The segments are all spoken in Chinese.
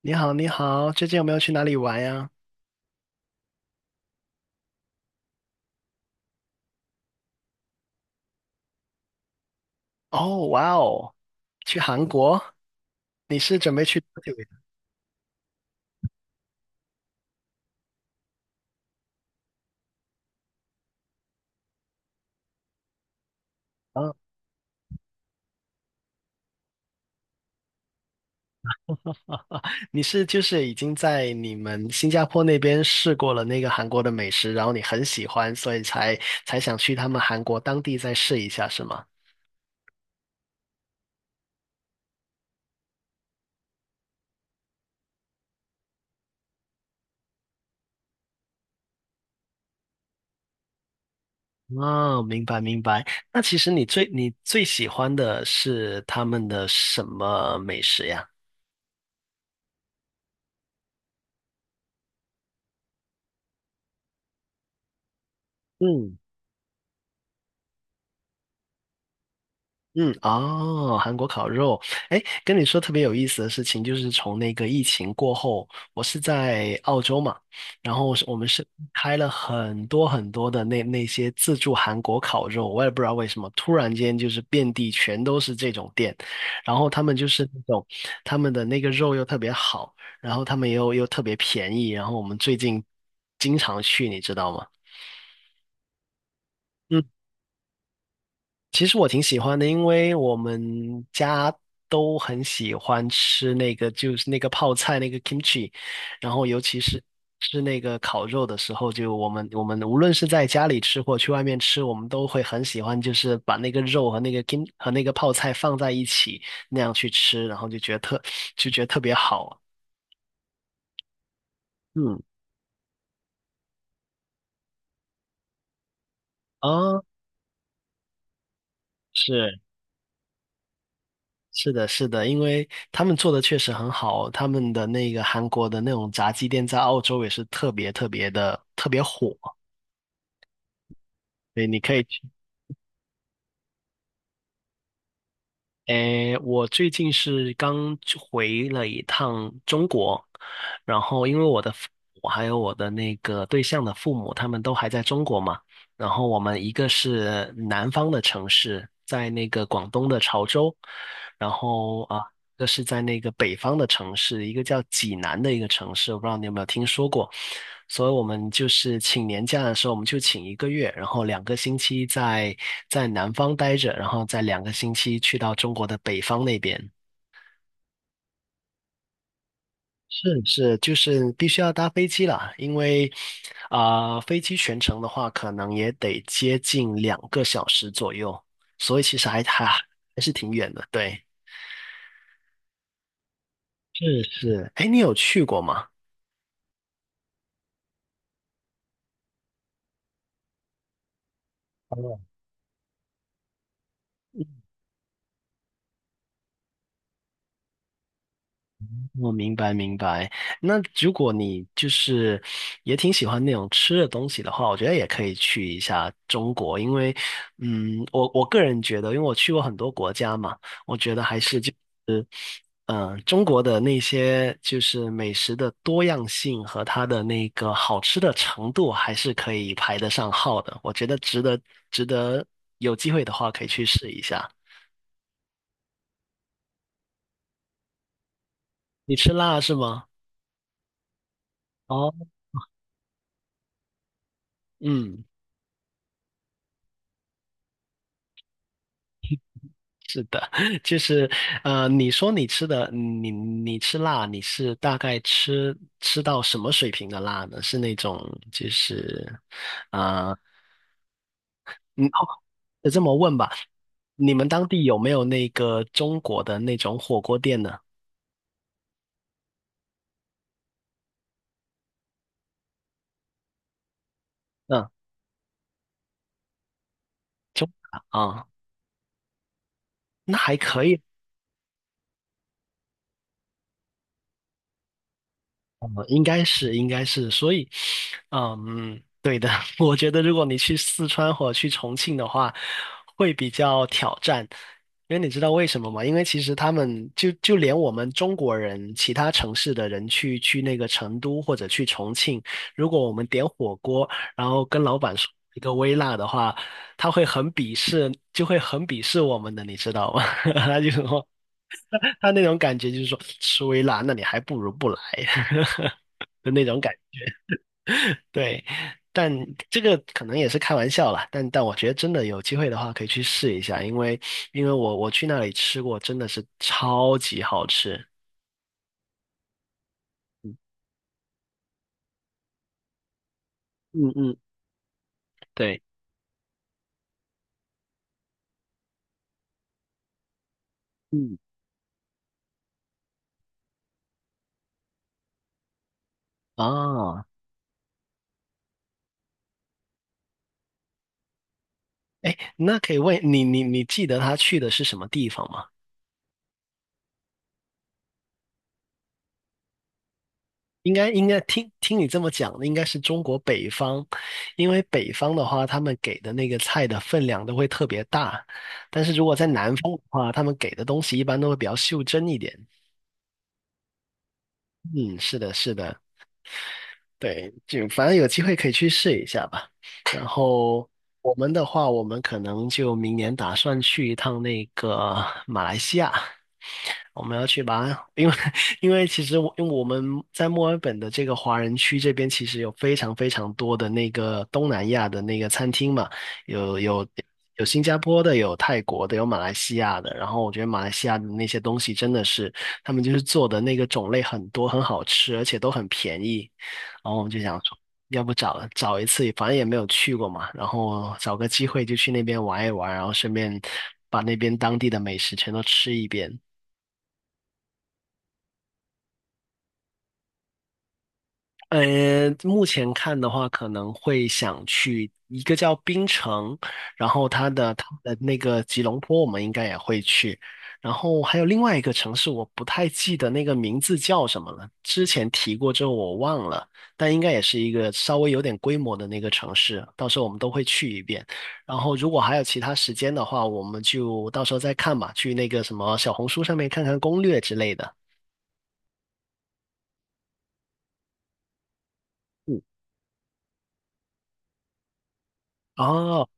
你好，你好，最近有没有去哪里玩呀？哦，哇哦，去韩国？你是准备去多久呀？啊 你是就是已经在你们新加坡那边试过了那个韩国的美食，然后你很喜欢，所以才想去他们韩国当地再试一下，是吗？哦，明白明白。那其实你最喜欢的是他们的什么美食呀？嗯嗯，哦，韩国烤肉，哎，跟你说特别有意思的事情，就是从那个疫情过后，我是在澳洲嘛，然后我们是开了很多很多的那些自助韩国烤肉，我也不知道为什么，突然间就是遍地全都是这种店，然后他们就是那种他们的那个肉又特别好，然后他们又特别便宜，然后我们最近经常去，你知道吗？嗯。其实我挺喜欢的，因为我们家都很喜欢吃那个，就是那个泡菜那个 kimchi，然后尤其是吃那个烤肉的时候，就我们无论是在家里吃或去外面吃，我们都会很喜欢，就是把那个肉和那个泡菜放在一起那样去吃，然后就觉得特别好。嗯啊，是。是的，是的，因为他们做的确实很好，他们的那个韩国的那种炸鸡店在澳洲也是特别特别的特别火，对，你可以去。诶，我最近是刚回了一趟中国，然后因为我的父母还有我的那个对象的父母，他们都还在中国嘛。然后我们一个是南方的城市，在那个广东的潮州，然后啊，一个是在那个北方的城市，一个叫济南的一个城市，我不知道你有没有听说过。所以我们就是请年假的时候，我们就请一个月，然后两个星期在南方待着，然后再两个星期去到中国的北方那边。是是，就是必须要搭飞机啦，因为啊、飞机全程的话，可能也得接近2个小时左右，所以其实还是挺远的。对，是是，哎，你有去过吗？我明白明白。那如果你就是也挺喜欢那种吃的东西的话，我觉得也可以去一下中国，因为我个人觉得，因为我去过很多国家嘛，我觉得还是就是。嗯，中国的那些就是美食的多样性和它的那个好吃的程度，还是可以排得上号的。我觉得值得有机会的话可以去试一下。你吃辣是吗？哦，嗯，就是你吃辣，你是大概吃到什么水平的辣呢？是那种就是啊。你这么问吧，你们当地有没有那个中国的那种火锅店呢？嗯。900啊，那还可以嗯，应该是，应该是，所以，嗯，对的，我觉得如果你去四川或者去重庆的话，会比较挑战，因为你知道为什么吗？因为其实他们就连我们中国人，其他城市的人去那个成都或者去重庆，如果我们点火锅，然后跟老板说一个微辣的话，他会很鄙视，就会很鄙视我们的，你知道吗？他就说。他那种感觉就是说，吃微辣，那你还不如不来。就那种感觉对，但这个可能也是开玩笑啦，但我觉得真的有机会的话，可以去试一下，因为我去那里吃过，真的是超级好吃。嗯嗯，嗯对，嗯啊，哎，那可以问你，你记得他去的是什么地方吗？应该听听你这么讲，应该是中国北方，因为北方的话，他们给的那个菜的分量都会特别大，但是如果在南方的话，他们给的东西一般都会比较袖珍一点。嗯，是的，是的，对，就反正有机会可以去试一下吧。然后我们的话，我们可能就明年打算去一趟那个马来西亚。我们要去马鞍，因为 因为其实我因为我们在墨尔本的这个华人区这边，其实有非常非常多的那个东南亚的那个餐厅嘛，有有有新加坡的，有泰国的，有马来西亚的。然后我觉得马来西亚的那些东西真的是，他们就是做的那个种类很多，很好吃，而且都很便宜。然后我们就想说，要不找找一次，反正也没有去过嘛，然后找个机会就去那边玩一玩，然后顺便把那边当地的美食全都吃一遍。目前看的话，可能会想去一个叫槟城，然后它的那个吉隆坡，我们应该也会去。然后还有另外一个城市，我不太记得那个名字叫什么了，之前提过之后我忘了，但应该也是一个稍微有点规模的那个城市，到时候我们都会去一遍。然后如果还有其他时间的话，我们就到时候再看吧，去那个什么小红书上面看看攻略之类的。嗯，哦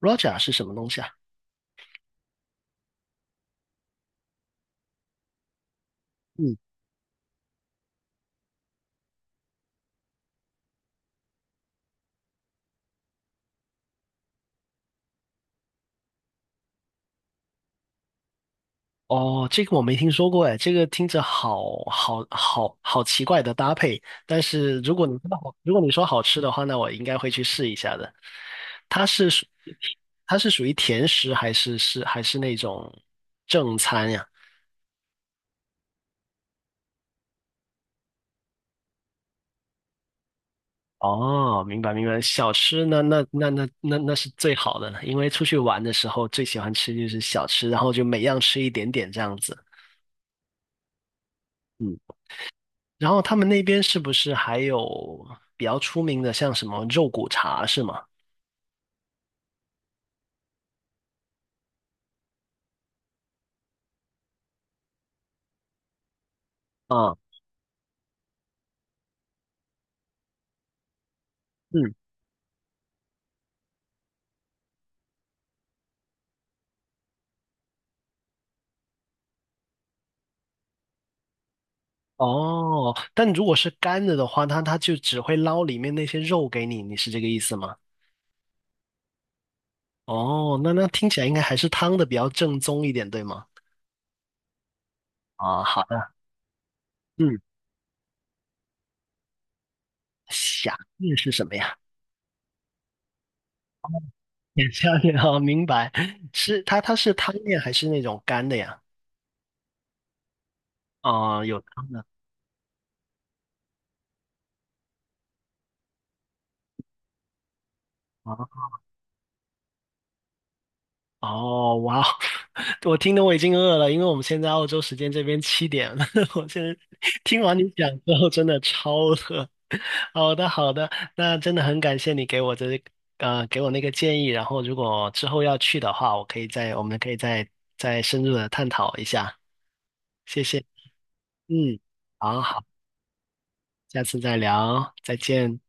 ，Roger 是什么东西啊？嗯。哦，这个我没听说过哎，这个听着好奇怪的搭配，但是如果你说好吃的话，那我应该会去试一下的。它是属它是属于甜食还是那种正餐呀？哦，明白明白，小吃那是最好的了，因为出去玩的时候最喜欢吃就是小吃，然后就每样吃一点点这样子。嗯，然后他们那边是不是还有比较出名的，像什么肉骨茶是吗？啊，嗯，哦，但如果是干的的话，它就只会捞里面那些肉给你，你是这个意思吗？哦，那听起来应该还是汤的比较正宗一点，对吗？啊，好的，嗯，虾面是什么呀？也虾面啊，明白，是它是汤面还是那种干的呀？啊，有汤的啊，哦，哇，我听得我已经饿了，因为我们现在澳洲时间这边7点了。我现在听完你讲之后，真的超饿。好的，好的，那真的很感谢你给我那个建议。然后，如果之后要去的话，我们可以再深入的探讨一下。谢谢，嗯，好好，下次再聊，再见。